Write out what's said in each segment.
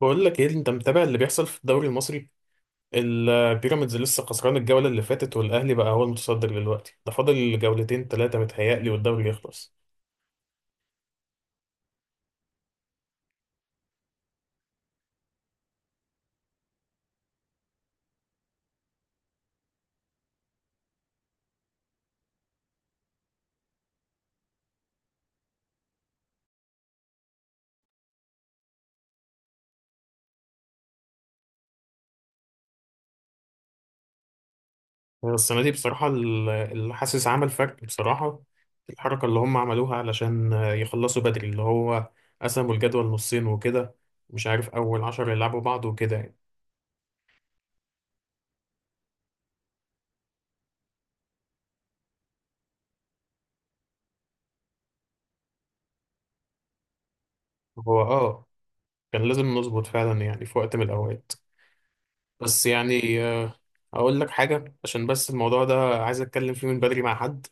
بقول لك ايه؟ انت متابع اللي بيحصل في الدوري المصري؟ البيراميدز لسه خسران الجولة اللي فاتت، والاهلي بقى هو المتصدر دلوقتي. ده فاضل جولتين ثلاثة متهيألي والدوري يخلص. السنة دي بصراحة اللي حاسس عمل فرق بصراحة. الحركة اللي هم عملوها علشان يخلصوا بدري، اللي هو قسموا الجدول نصين وكده. مش عارف، أول عشر يلعبوا بعض وكده يعني. هو كان لازم نظبط فعلا يعني في وقت من الأوقات. بس يعني أقول لك حاجة، عشان بس الموضوع ده عايز أتكلم فيه من بدري مع حد.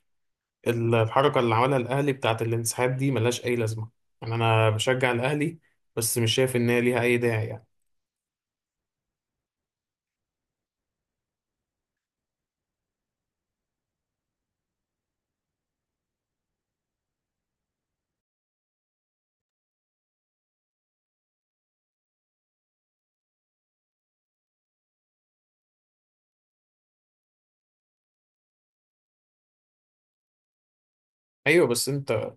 الحركة اللي عملها الأهلي بتاعت الانسحاب دي ملهاش أي لازمة. يعني أنا بشجع الأهلي بس مش شايف إن هي ليها أي داعي يعني. أيوه، بس أنت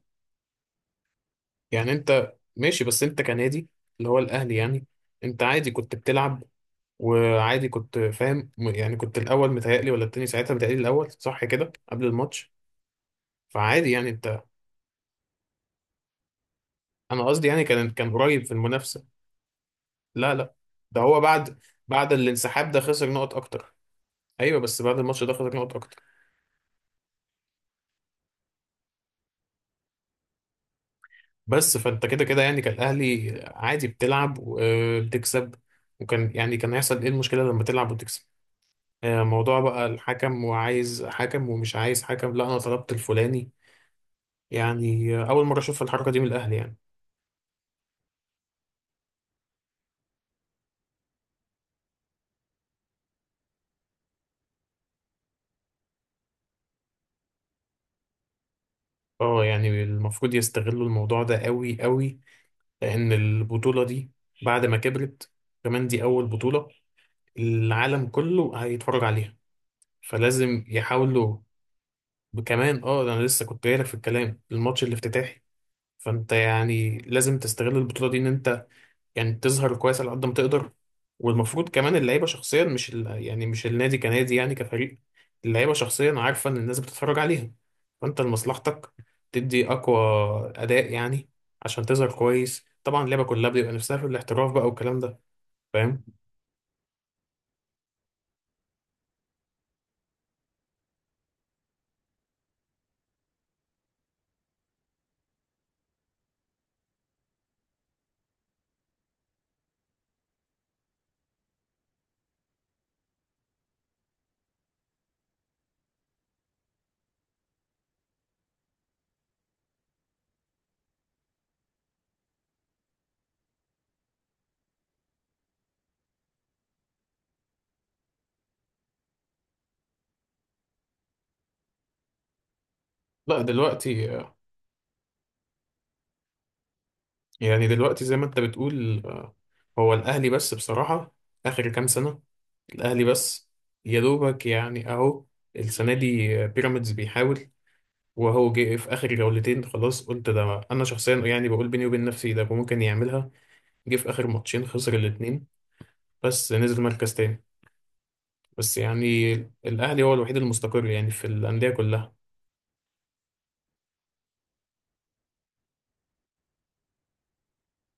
يعني أنت ماشي، بس أنت كنادي اللي هو الأهلي يعني. أنت عادي كنت بتلعب، وعادي كنت فاهم، يعني كنت الأول متهيألي ولا التاني ساعتها؟ متهيألي الأول، صح كده، قبل الماتش. فعادي يعني أنت. أنا قصدي يعني كان قريب في المنافسة. لا لا، ده هو بعد الانسحاب ده خسر نقط أكتر. أيوه، بس بعد الماتش ده خسر نقط أكتر. بس فانت كده كده يعني كان الاهلي عادي بتلعب وبتكسب، وكان يعني كان هيحصل ايه المشكله لما تلعب وتكسب؟ موضوع بقى الحكم، وعايز حكم ومش عايز حكم، لا انا طلبت الفلاني. يعني اول مره اشوف الحركه دي من الاهلي يعني. اه، يعني المفروض يستغلوا الموضوع ده قوي قوي، لان البطوله دي بعد ما كبرت، كمان دي اول بطوله العالم كله هيتفرج عليها، فلازم يحاولوا. كمان انا لسه كنت جايلك في الكلام، الماتش الافتتاحي. فانت يعني لازم تستغل البطولة دي، ان انت يعني تظهر كويس على قد ما تقدر. والمفروض كمان اللعيبة شخصيا، مش يعني مش النادي كنادي يعني كفريق، اللعيبة شخصيا عارفة ان الناس بتتفرج عليها، فانت لمصلحتك تدي اقوى اداء يعني. عشان تظهر كويس، طبعا اللعبة كلها بيبقى نفسها في الاحتراف بقى، والكلام ده، فاهم. لا دلوقتي، يعني دلوقتي زي ما انت بتقول، هو الاهلي بس بصراحة اخر كام سنة، الأهلي بس يا دوبك يعني. أهو السنة دي بيراميدز بيحاول، وهو جه في آخر جولتين خلاص، قلت ده أنا شخصيا يعني بقول بيني وبين نفسي ده ممكن يعملها. جه في آخر ماتشين خسر الاتنين، بس نزل مركز تاني. بس يعني الأهلي هو الوحيد المستقر يعني في الأندية كلها.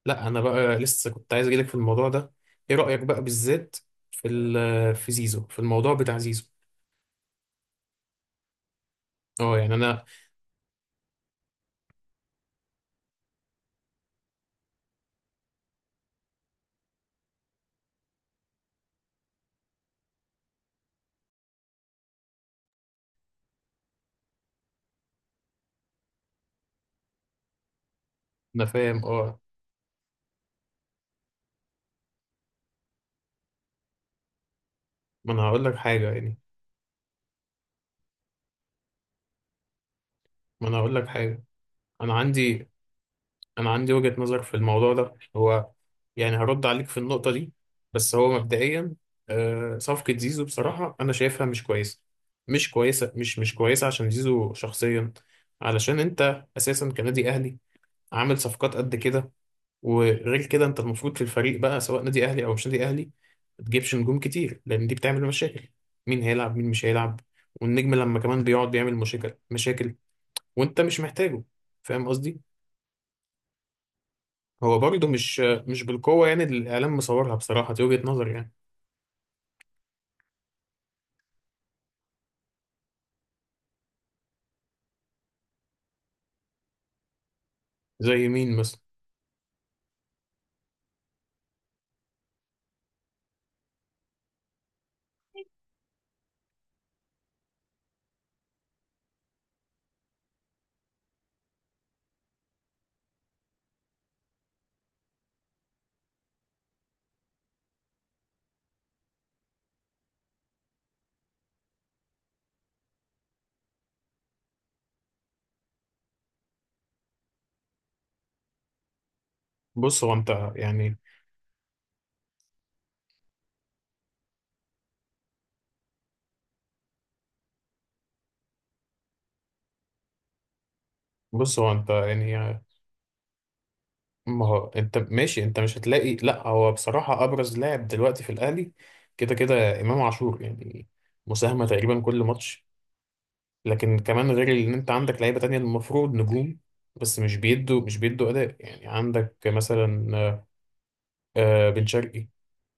لا، أنا بقى لسه كنت عايز أجيلك في الموضوع ده. إيه رأيك بقى بالذات، في في زيزو، في الموضوع بتاع زيزو؟ اه، يعني أنا فاهم، اه. ما أنا هقول لك حاجة يعني، ما أنا هقول لك حاجة انا عندي انا عندي وجهة نظر في الموضوع ده. هو يعني هرد عليك في النقطة دي. بس هو مبدئيا، صفقة زيزو بصراحة انا شايفها مش كويسة، مش كويسة، مش كويسة، عشان زيزو شخصيا. علشان انت اساسا كنادي اهلي عامل صفقات قد كده، وغير كده انت المفروض في الفريق بقى، سواء نادي اهلي او مش نادي اهلي، ما تجيبش نجوم كتير، لان دي بتعمل مشاكل. مين هيلعب مين مش هيلعب؟ والنجم لما كمان بيقعد بيعمل مشاكل مشاكل، وانت مش محتاجه، فاهم قصدي. هو برضه مش بالقوة يعني، اللي الإعلام مصورها بصراحة، دي وجهة نظري يعني. زي مين مثلا؟ بص هو أنت يعني بص هو أنت يعني، ما هو أنت ماشي، أنت مش هتلاقي، لأ هو بصراحة أبرز لاعب دلوقتي في الأهلي كده كده إمام عاشور يعني، مساهمة تقريبا كل ماتش. لكن كمان، غير إن أنت عندك لعيبة تانية المفروض نجوم، بس مش بيدوا أداء يعني. عندك مثلا بن شرقي.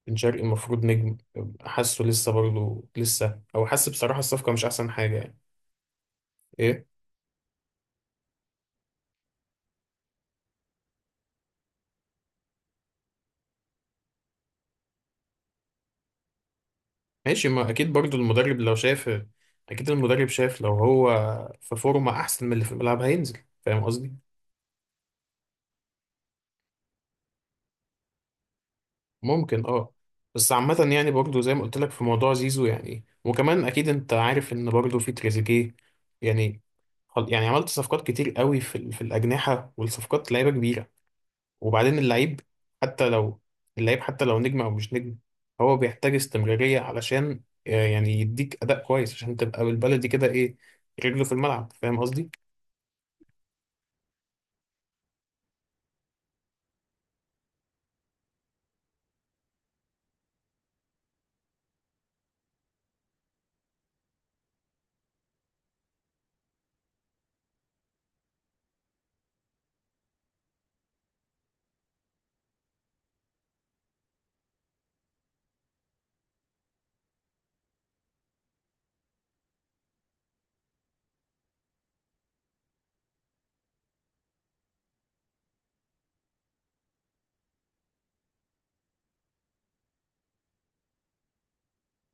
بن شرقي المفروض نجم. حاسه لسه برضه لسه او حاسس بصراحه الصفقه مش احسن حاجه يعني. ايه. ماشي، ما اكيد برضه المدرب لو شاف، اكيد المدرب شاف لو هو في فورمه احسن من اللي في الملعب هينزل، فاهم قصدي. ممكن، اه. بس عامه يعني برضه زي ما قلت لك في موضوع زيزو، يعني وكمان اكيد انت عارف ان برضه في تريزيجيه يعني. يعني عملت صفقات كتير قوي في في الاجنحه، والصفقات لعيبه كبيره. وبعدين اللعيب، حتى لو حتى لو نجم او مش نجم، هو بيحتاج استمرارية علشان يعني يديك اداء كويس، عشان تبقى بالبلدي كده ايه، رجله في الملعب، فاهم قصدي.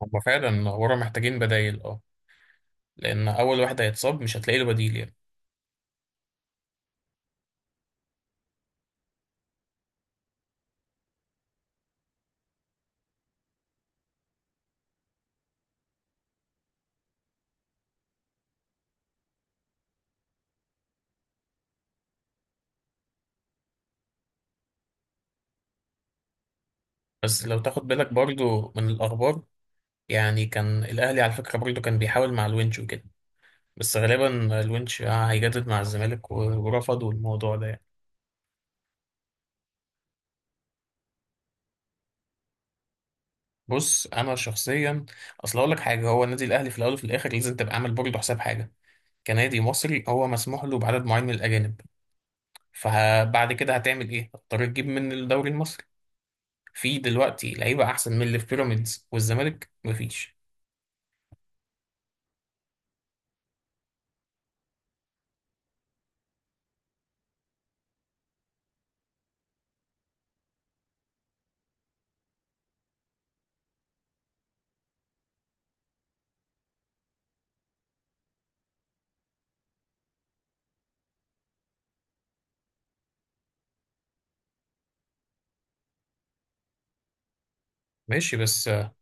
هما فعلا ورا محتاجين بدايل، اه. لان اول واحد هيتصاب مش هتلاقي له بديل يعني. بس لو تاخد بالك برضو من الاخبار، يعني كان الاهلي على فكره برضو كان بيحاول مع الونش وكده، بس غالبا الونش هيجدد مع الزمالك، ورفضوا الموضوع ده يعني. بص انا شخصيا، اصل اقول لك حاجه، هو النادي الاهلي في الاول وفي الاخر لازم تبقى عامل برضه حساب حاجه. كنادي مصري هو مسموح له بعدد معين من الاجانب، فبعد كده هتعمل ايه؟ هتضطر تجيب من الدوري المصري. في دلوقتي لعيبه احسن من اللي في بيراميدز والزمالك؟ مفيش. ماشي بس،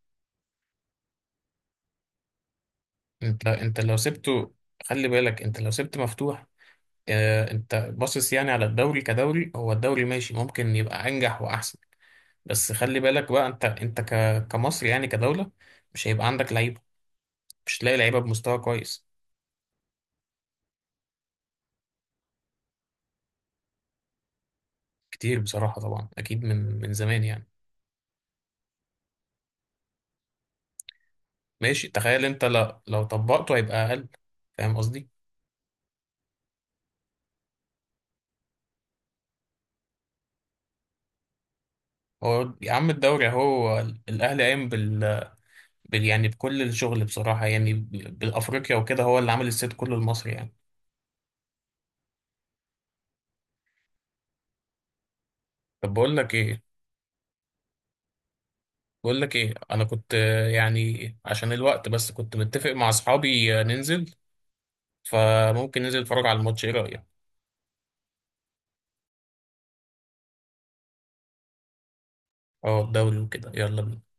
انت لو سبته، خلي بالك انت لو سبت مفتوح، انت باصص يعني على الدوري كدوري، هو الدوري ماشي ممكن يبقى انجح واحسن. بس خلي بالك بقى، انت كمصري يعني كدوله، مش هيبقى عندك لعيبه، مش تلاقي لعيبه بمستوى كويس. كتير بصراحه، طبعا اكيد من زمان يعني. ماشي تخيل انت، لا لو طبقته هيبقى اقل، فاهم قصدي. هو يا عم الدوري اهو، الاهلي قايم بال يعني بكل الشغل بصراحه يعني، بالافريقيا وكده، هو اللي عامل الست كله المصري يعني. طب بقول لك ايه، انا كنت يعني عشان الوقت بس، كنت متفق مع اصحابي ننزل، فممكن ننزل نتفرج على الماتش، ايه رايك؟ اه الدوري وكده، يلا بينا.